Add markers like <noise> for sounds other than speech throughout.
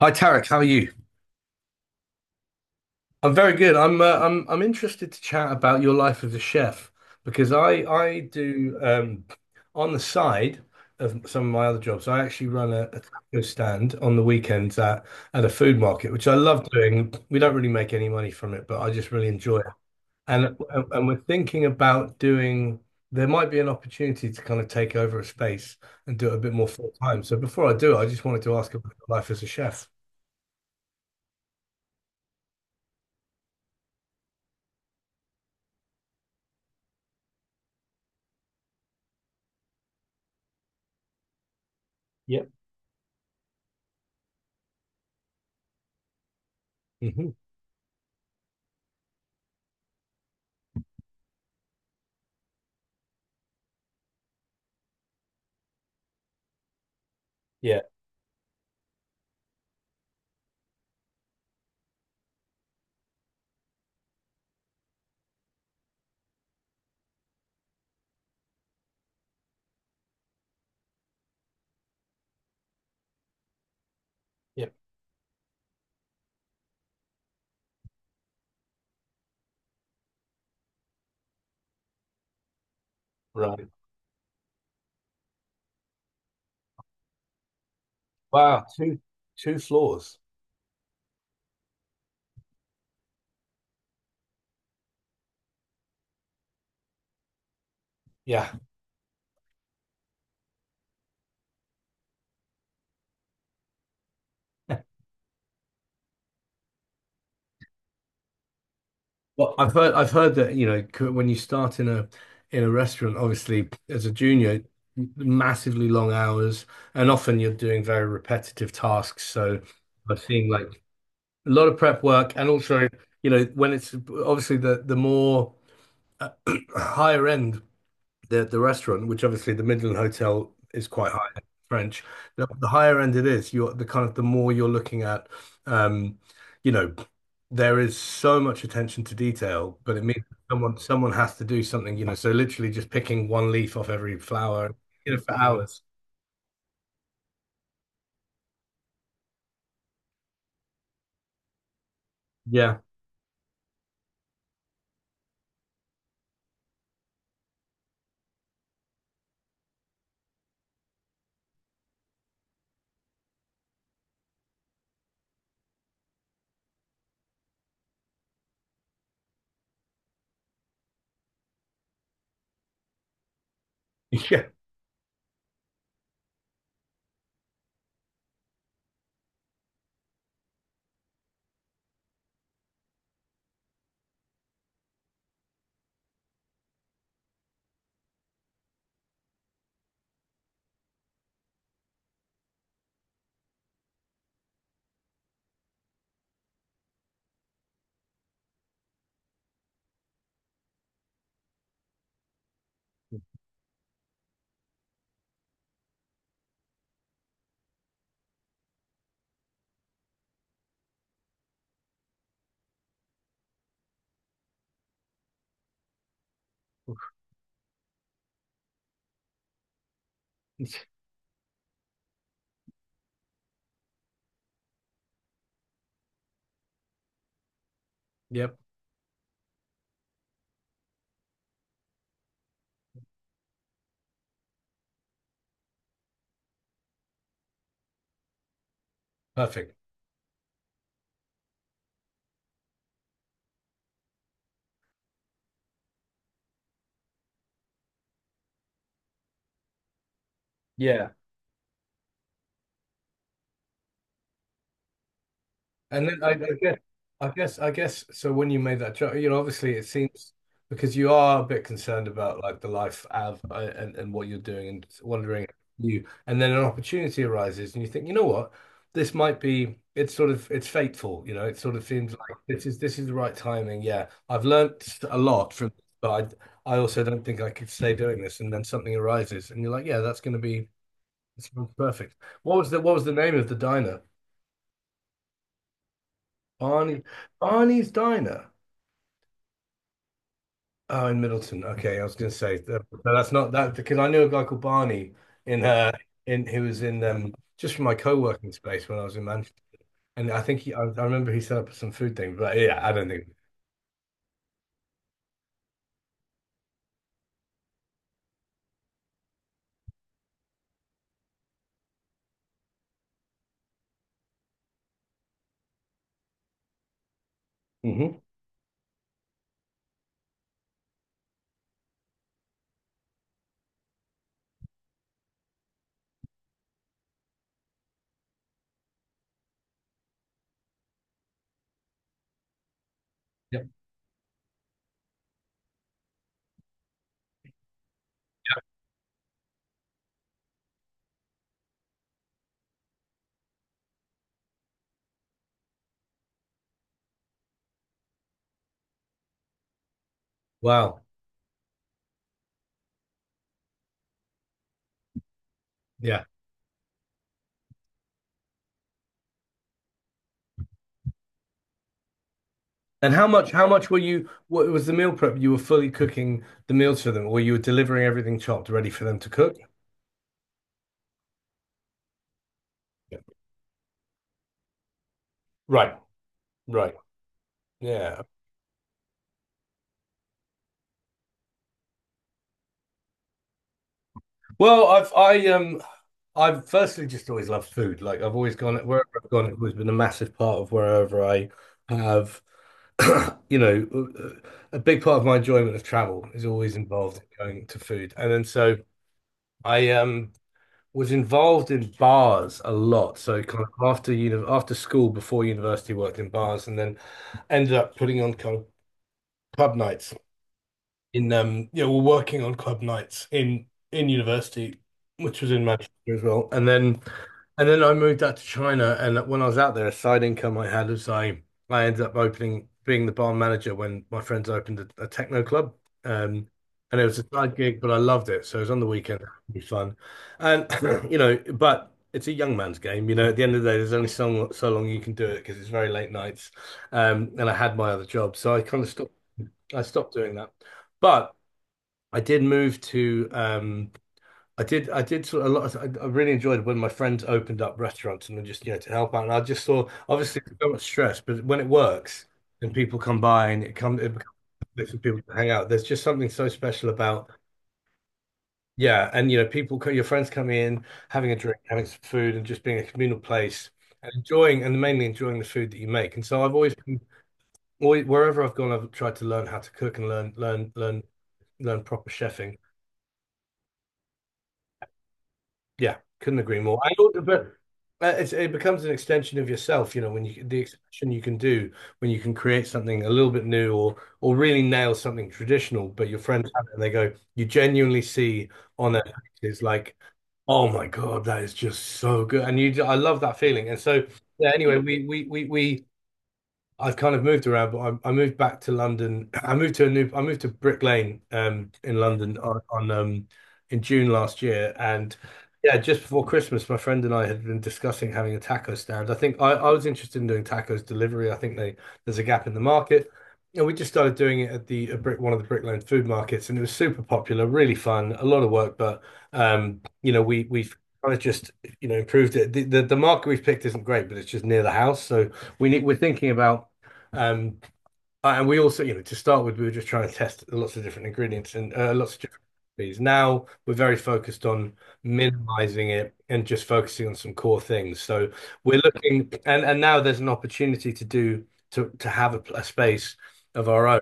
Hi Tarek, how are you? I'm very good. I'm interested to chat about your life as a chef because I do on the side of some of my other jobs. I actually run a taco stand on the weekends at a food market, which I love doing. We don't really make any money from it, but I just really enjoy it. And we're thinking about doing. There might be an opportunity to kind of take over a space and do it a bit more full time. So before I do, I just wanted to ask about your life as a chef. Yep. Hmm. Yeah. Yep. Right. Wow, two floors. Yeah. <laughs> Well, I've heard that you know when you start in a restaurant, obviously as a junior, massively long hours, and often you're doing very repetitive tasks. So I've seen like a lot of prep work, and also you know when it's obviously the more uh, <clears throat> higher end. The restaurant, which obviously the Midland Hotel is quite high end French. The higher end it is, you're the kind of the more you're looking at, um, you know, there is so much attention to detail, but it means someone has to do something, you know. So literally just picking one leaf off every flower, you know, for hours. Yeah. <laughs> Yeah. Yep. Perfect. Yeah. And then guess, I guess. So when you made that joke, you know, obviously it seems because you are a bit concerned about like the life of and what you're doing and wondering if you, and then an opportunity arises and you think, you know what, this might be. It's sort of it's fateful, you know. It sort of seems like this is the right timing. Yeah, I've learnt a lot from, but I also don't think I could stay doing this. And then something arises, and you're like, yeah, that's going to be it's perfect. What was the name of the diner? Barney, Barney's Diner. Oh, in Middleton. Okay, I was going to say that, but that's not that because I knew a guy called Barney in uh in who was in just from my co-working space when I was in Manchester, and I think I remember he set up some food thing, but yeah, I don't think. Hmm. Yep. Wow. Yeah. And how much? How much were you? What was the meal prep? You were fully cooking the meals for them, or you were delivering everything chopped, ready for them to cook? Yeah. Right. Right. Yeah. Well, I've firstly just always loved food. Like I've always gone wherever I've gone, it's always been a massive part of wherever I have. <clears throat> You know, a big part of my enjoyment of travel is always involved in going to food. And then so I was involved in bars a lot. So kind of after uni after school, before university, worked in bars, and then ended up putting on kind of pub nights in yeah, we're working on club nights in university, which was in Manchester as well. And then I moved out to China and when I was out there, a side income I had was I ended up opening being the bar manager when my friends opened a techno club. Um and it was a side gig, but I loved it. So it was on the weekend, it was fun. And <clears throat> you know, but it's a young man's game, you know, at the end of the day, there's only so long you can do it because it's very late nights. And I had my other job, so I kind of stopped doing that. But I did move to I did sort of a lot of, I really enjoyed when my friends opened up restaurants and just you know to help out, and I just saw obviously it's so much stress, but when it works and people come by and it becomes a place for people to hang out. There's just something so special about yeah, and you know your friends coming in, having a drink, having some food, and just being a communal place and enjoying and mainly enjoying the food that you make. And so I've always been always, wherever I've gone I've tried to learn how to cook and learn proper chefing. Yeah, couldn't agree more. I also, but it's, it becomes an extension of yourself, you know, when you the expression you can do when you can create something a little bit new or really nail something traditional, but your friends have it and they go, you genuinely see on their faces like, oh my God, that is just so good, and you, I love that feeling. And so yeah, anyway, we I've kind of moved around, but I moved back to London. <clears throat> I moved to a new, I moved to Brick Lane, in London on in June last year, and yeah, just before Christmas, my friend and I had been discussing having a taco stand. I think I was interested in doing tacos delivery. I think they there's a gap in the market, and we just started doing it at the at Brick one of the Brick Lane food markets, and it was super popular, really fun, a lot of work, but you know, we we've kind of just you know improved it. The market we've picked isn't great, but it's just near the house, so we need we're thinking about. Um, and we also, you know, to start with, we were just trying to test lots of different ingredients and lots of different recipes. Now we're very focused on minimizing it and just focusing on some core things. So we're looking, and now there's an opportunity to do to have a space of our own,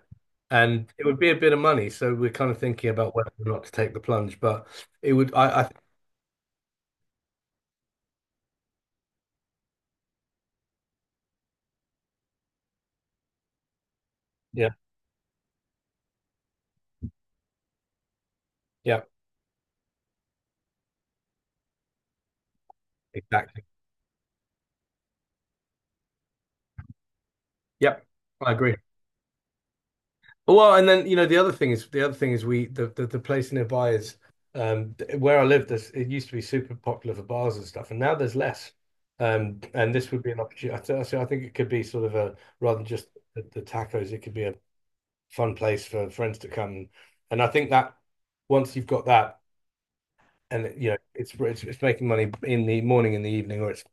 and it would be a bit of money. So we're kind of thinking about whether or not to take the plunge, but it would, yeah, yeah, exactly, yep, I agree. Well, and then you know the other thing is we the place nearby is um where I lived. This it used to be super popular for bars and stuff, and now there's less. And this would be an opportunity. I, th so I think it could be sort of a rather than just the tacos, it could be a fun place for friends to come. And I think that once you've got that, and you know it's making money in the morning, in the evening, or it's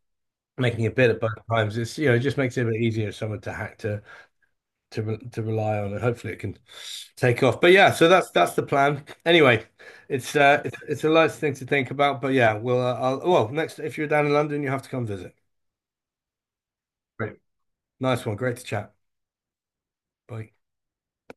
making a bit at both times. It's you know it just makes it a bit easier for someone to hack to re- to rely on, and hopefully it can take off. But yeah, so that's the plan. Anyway, it's a nice thing to think about. But yeah, well, well, next if you're down in London, you have to come visit. Great. Nice one, great to chat. Bye.